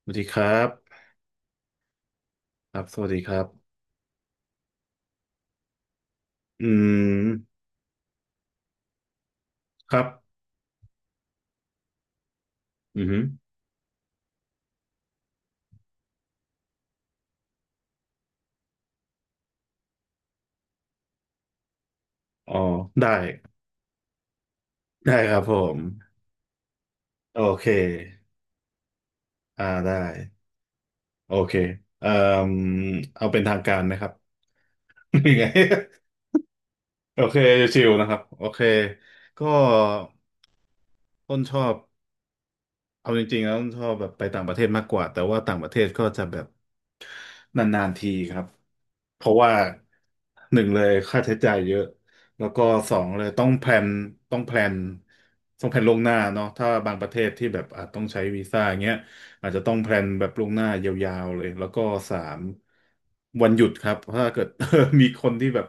สวัสดีครับ. ครับ สวัสดีครับอืมครับอือฮึอ๋อได้ ได้ครับผม โอเค อ่าได้ โอเคเอ่อเอาเป็นทางการนะครับ ยังไง โอเค ชิวๆนะครับ โอเค ก็ต้นชอบ เอาจริงๆแล้วชอบแบบไปต่างประเทศมากกว่าแต่ว่าต่างประเทศก็จะแบบนานๆทีครับเพราะว่าหนึ่งเลยค่าใช้จ่ายเยอะแล้วก็สองเลยต้องแพลนต้องแพลนต้องแพลนล่วงหน้าเนาะถ้าบางประเทศที่แบบอาจต้องใช้วีซ่าอย่างเงี้ย อาจจะต้องแพลนแบบล่วงหน้ายาวๆเลยแล้วก็สามวันหยุดครับถ้าเกิด มีคนที่แบบ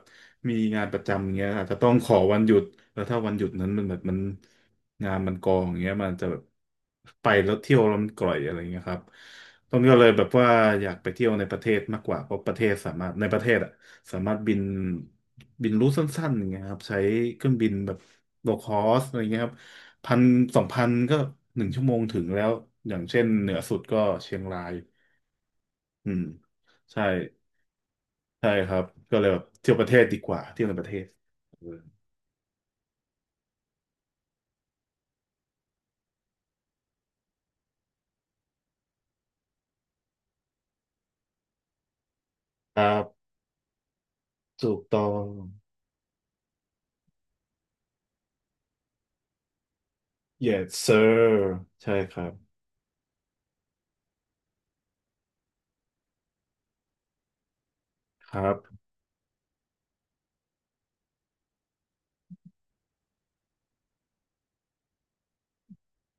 มีงานประจำอย่างเงี้ยอาจจะต้องขอวันหยุดแล้วถ้าวันหยุดนั้นมันแบบมันงานมันกองอย่างเงี้ยมันจะแบบไปแล้วเที่ยวแล้วมันกร่อยอะไรเงี้ยครับต้นก็เลยแบบว่าอยากไปเที่ยวในประเทศมากกว่าเพราะประเทศสามารถในประเทศอะสามารถบินรูทสั้นๆอย่างเงี้ยครับใช้เครื่องบินแบบโลคอสอะไรเงี้ยครับ พันสองพันก็1 ชั่วโมงถึงแล้วอย่างเช่นเหนือสุดก็เชียงรายอืมใช่ใช่ครับก็เลยแบบเที่ยวประเทศดีกว่าเที่ยวในประเทศเออครับถูกต้อง yes sir ใช่ครับครับ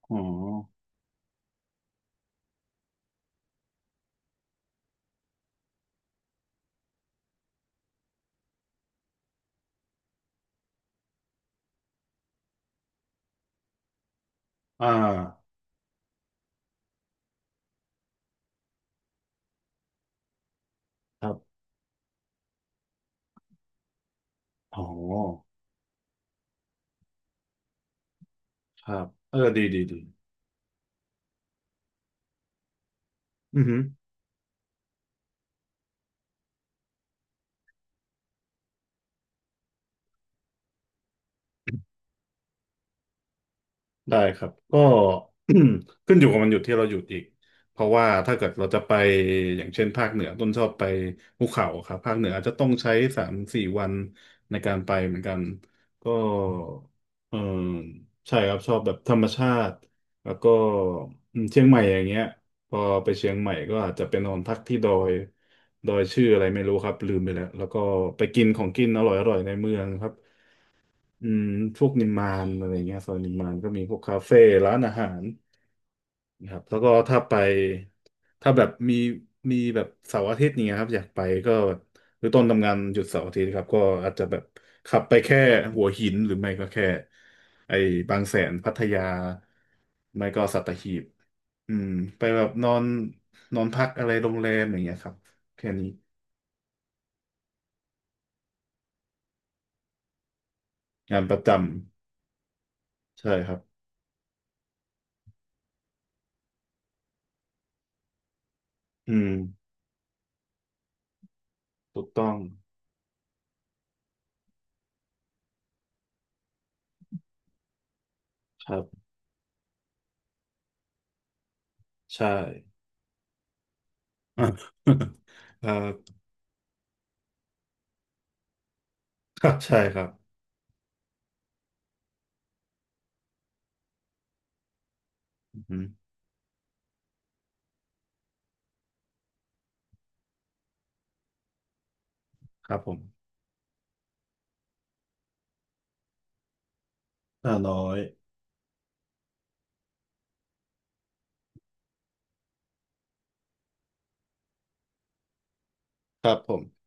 อ๋ออ่าครับอ๋อครับเออดีดีดีอือฮึ ได้ครับก็ ขึ้นอยู่กับวันหยุดที่เราหยุดอีกเพราะว่าถ้าเกิดเราจะไปอย่างเช่นภาคเหนือต้นชอบไปภูเขาครับภาคเหนืออาจจะต้องใช้3-4 วันในการไปเหมือนกันก็เออใช่ครับชอบแบบธรรมชาติแล้วก็อืมเชียงใหม่อย่างเงี้ยพอไปเชียงใหม่ก็อาจจะไปนอนพักที่ดอยชื่ออะไรไม่รู้ครับลืมไปแล้วแล้วก็ไปกินของกินอร่อยๆในเมืองครับ อืมพวกนิมมานอะไรเงี้ยซอยนิมมานก็มีพวกคาเฟ่ร้านอาหารนะครับแล้วก็ถ้าไปถ้าแบบมีแบบเสาร์อาทิตย์เนี่ยครับอยากไปก็หรือต้นทำงานหยุดเสาร์อาทิตย์ครับก็อาจจะแบบขับไปแค่หัวหินหรือไม่ก็แค่ไอ้บางแสนพัทยาไม่ก็สัตหีบอืมไปแบบนอนนอนพักอะไรโรงแรมอย่างเงี้ยครับแค่นี้งานประจำใช่ครับอืมถูกต้องครับใช่ อ่าเอ่อครับใช่ครับอืมครับผมห้าร้อยครับผม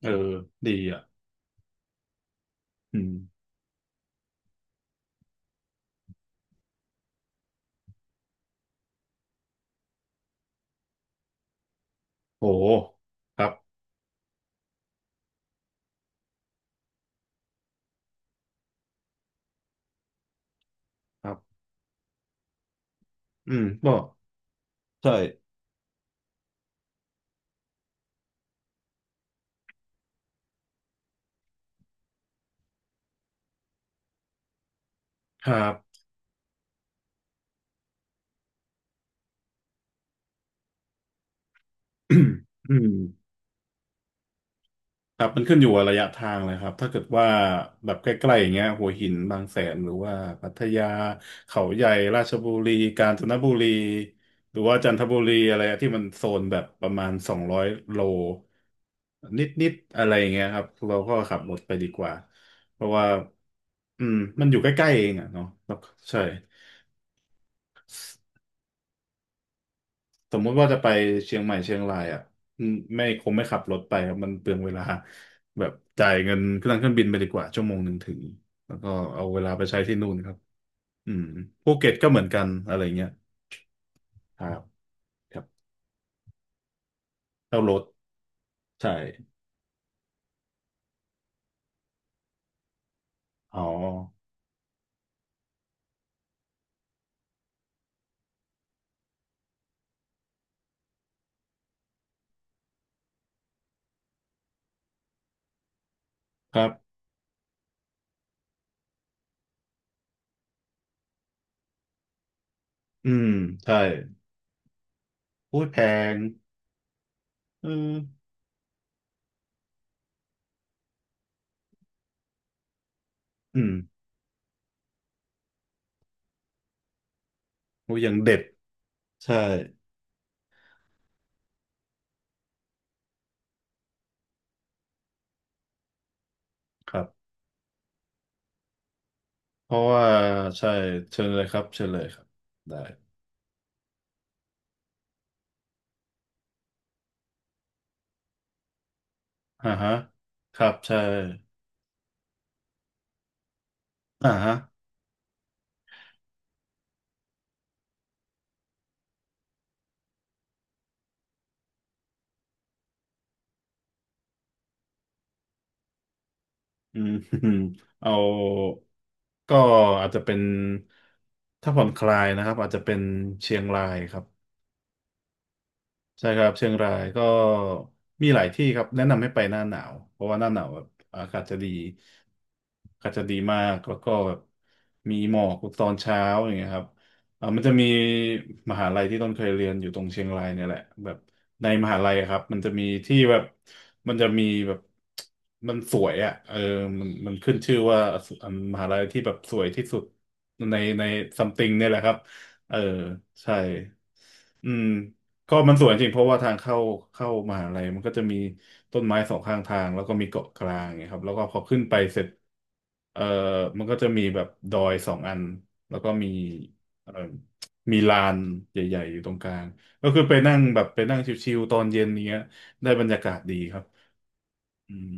เออดีอ่ะอืมโหครับครับอืมก็ใช่ครับ อืม ครับมันขึ้นอยู่กับระยะทางเลยครับถ้าเกิดว่าแบบใกล้ๆอย่างเงี้ยหัวหินบางแสนหรือว่าพัทยาเขาใหญ่ราชบุรีกาญจนบุรีหรือว่าจันทบุรีอะไรที่มันโซนแบบประมาณ200 โลนิดๆอะไรอย่างเงี้ยครับเราก็ขับรถไปดีกว่าเพราะว่าอืมมันอยู่ใกล้ๆเองอ่ะเนาะแล้วก็ใช่ สมมุติว่าจะไปเชียงใหม่เชียงรายอ่ะอืมไม่คงไม่ขับรถไปครับมันเปลืองเวลาแบบจ่ายเงินเครื่องบินไปดีกว่า1 ชั่วโมงถึงแล้วก็เอาเวลาไปใช้ที่นู่นครับอืมภูเก็ตก็เหมือนกันอะไรเงี้ยครับครับเช่ารถใช่อ๋อครับอืมใช่อุ้ยแพงเอออืมอุ้ยยังเด็ดใช่ครับเพราะว่าใช่เชิญเลยครับเชิญเลยครับได้อ่าฮะครับใช่อ่าฮะ อืม เอาก็อาจจะเป็นถ้าผ่อนคลายนะครับอาจจะเป็นเชียงรายครับ ใช่ครับเชียงรายก็มีหลายที่ครับแนะนำให้ไปหน้าหนาวเพราะว่าหน้าหนาวแบบอากาศจะดีอากาศจะดีมากแล้วก็แบบมีหมอกตอนเช้าอย่างเงี้ยครับมันจะมีมหาลัยที่ต้นเคยเรียนอยู่ตรงเชียงรายเนี่ยแหละแบบในมหาลัยอะครับมันจะมีที่แบบมันจะมีแบบมันสวยอ่ะเออมันมันขึ้นชื่อว่ามหาลัยที่แบบสวยที่สุดในในซัมติงเนี่ยแหละครับเออใช่ อืมก็มันสวยจริงเพราะว่าทางเข้ามหาลัยมันก็จะมีต้นไม้สองข้างทางแล้วก็มีเกาะกลางไงครับแล้วก็พอขึ้นไปเสร็จเอ่อมันก็จะมีแบบดอยสองอันแล้วก็มีเอ่อมีลานใหญ่ๆอยู่ตรงกลางก็คือไปนั่งแบบไปนั่งชิวๆตอนเย็นเนี้ยได้บรรยากาศดีครับอืม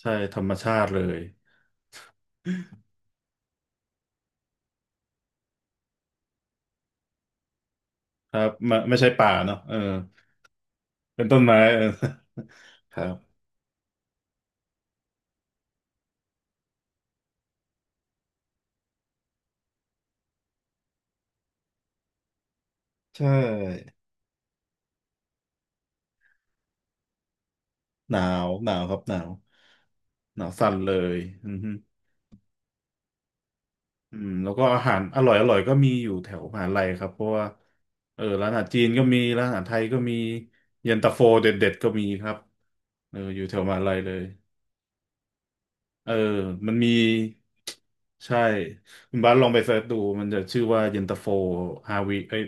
ใช่ธรรมชาติเลยครับไม่ไม่ใช่ป่าเนาะเออเป็นต้นไม้เออ ครับใช่ หนาวหนาวครับหนาวหนาวสั่นเลยอือฮึอืมแล้วก็อาหารอร่อยอร่อยก็มีอยู่แถวมหาลัยครับเพราะว่าเออร้านอาหารจีนก็มีร้านอาหารไทยก็มีเย็นตาโฟเด็ดเด็ดก็มีครับเอออยู่แถวมหาลัยเลย เออมันมีใช่คุณบาสลองไปเสิร์ชดูมันจะชื่อว่าเย็นตาโฟห้าวิเอ้ย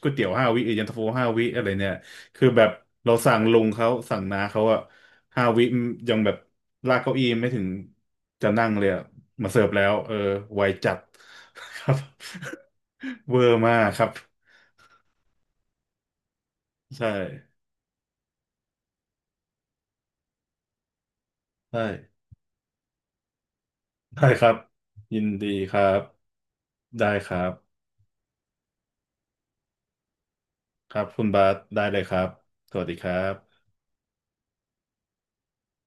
ก๋วยเตี๋ยวห้าวิเอ้ยเย็นตาโฟห้าวิอะไรเนี่ยคือแบบเราสั่งลุงเขาสั่งน้าเขาอะห้าวิยังแบบลากเก้าอี้ไม่ถึงจะนั่งเลยอะมาเสิร์ฟแล้วเออไวจัด ครับ เวอร์มากครับใช่ได้ได้ครับยินดีครับได้ครับครับคุณบาสได้เลยครับสวัสดีครับ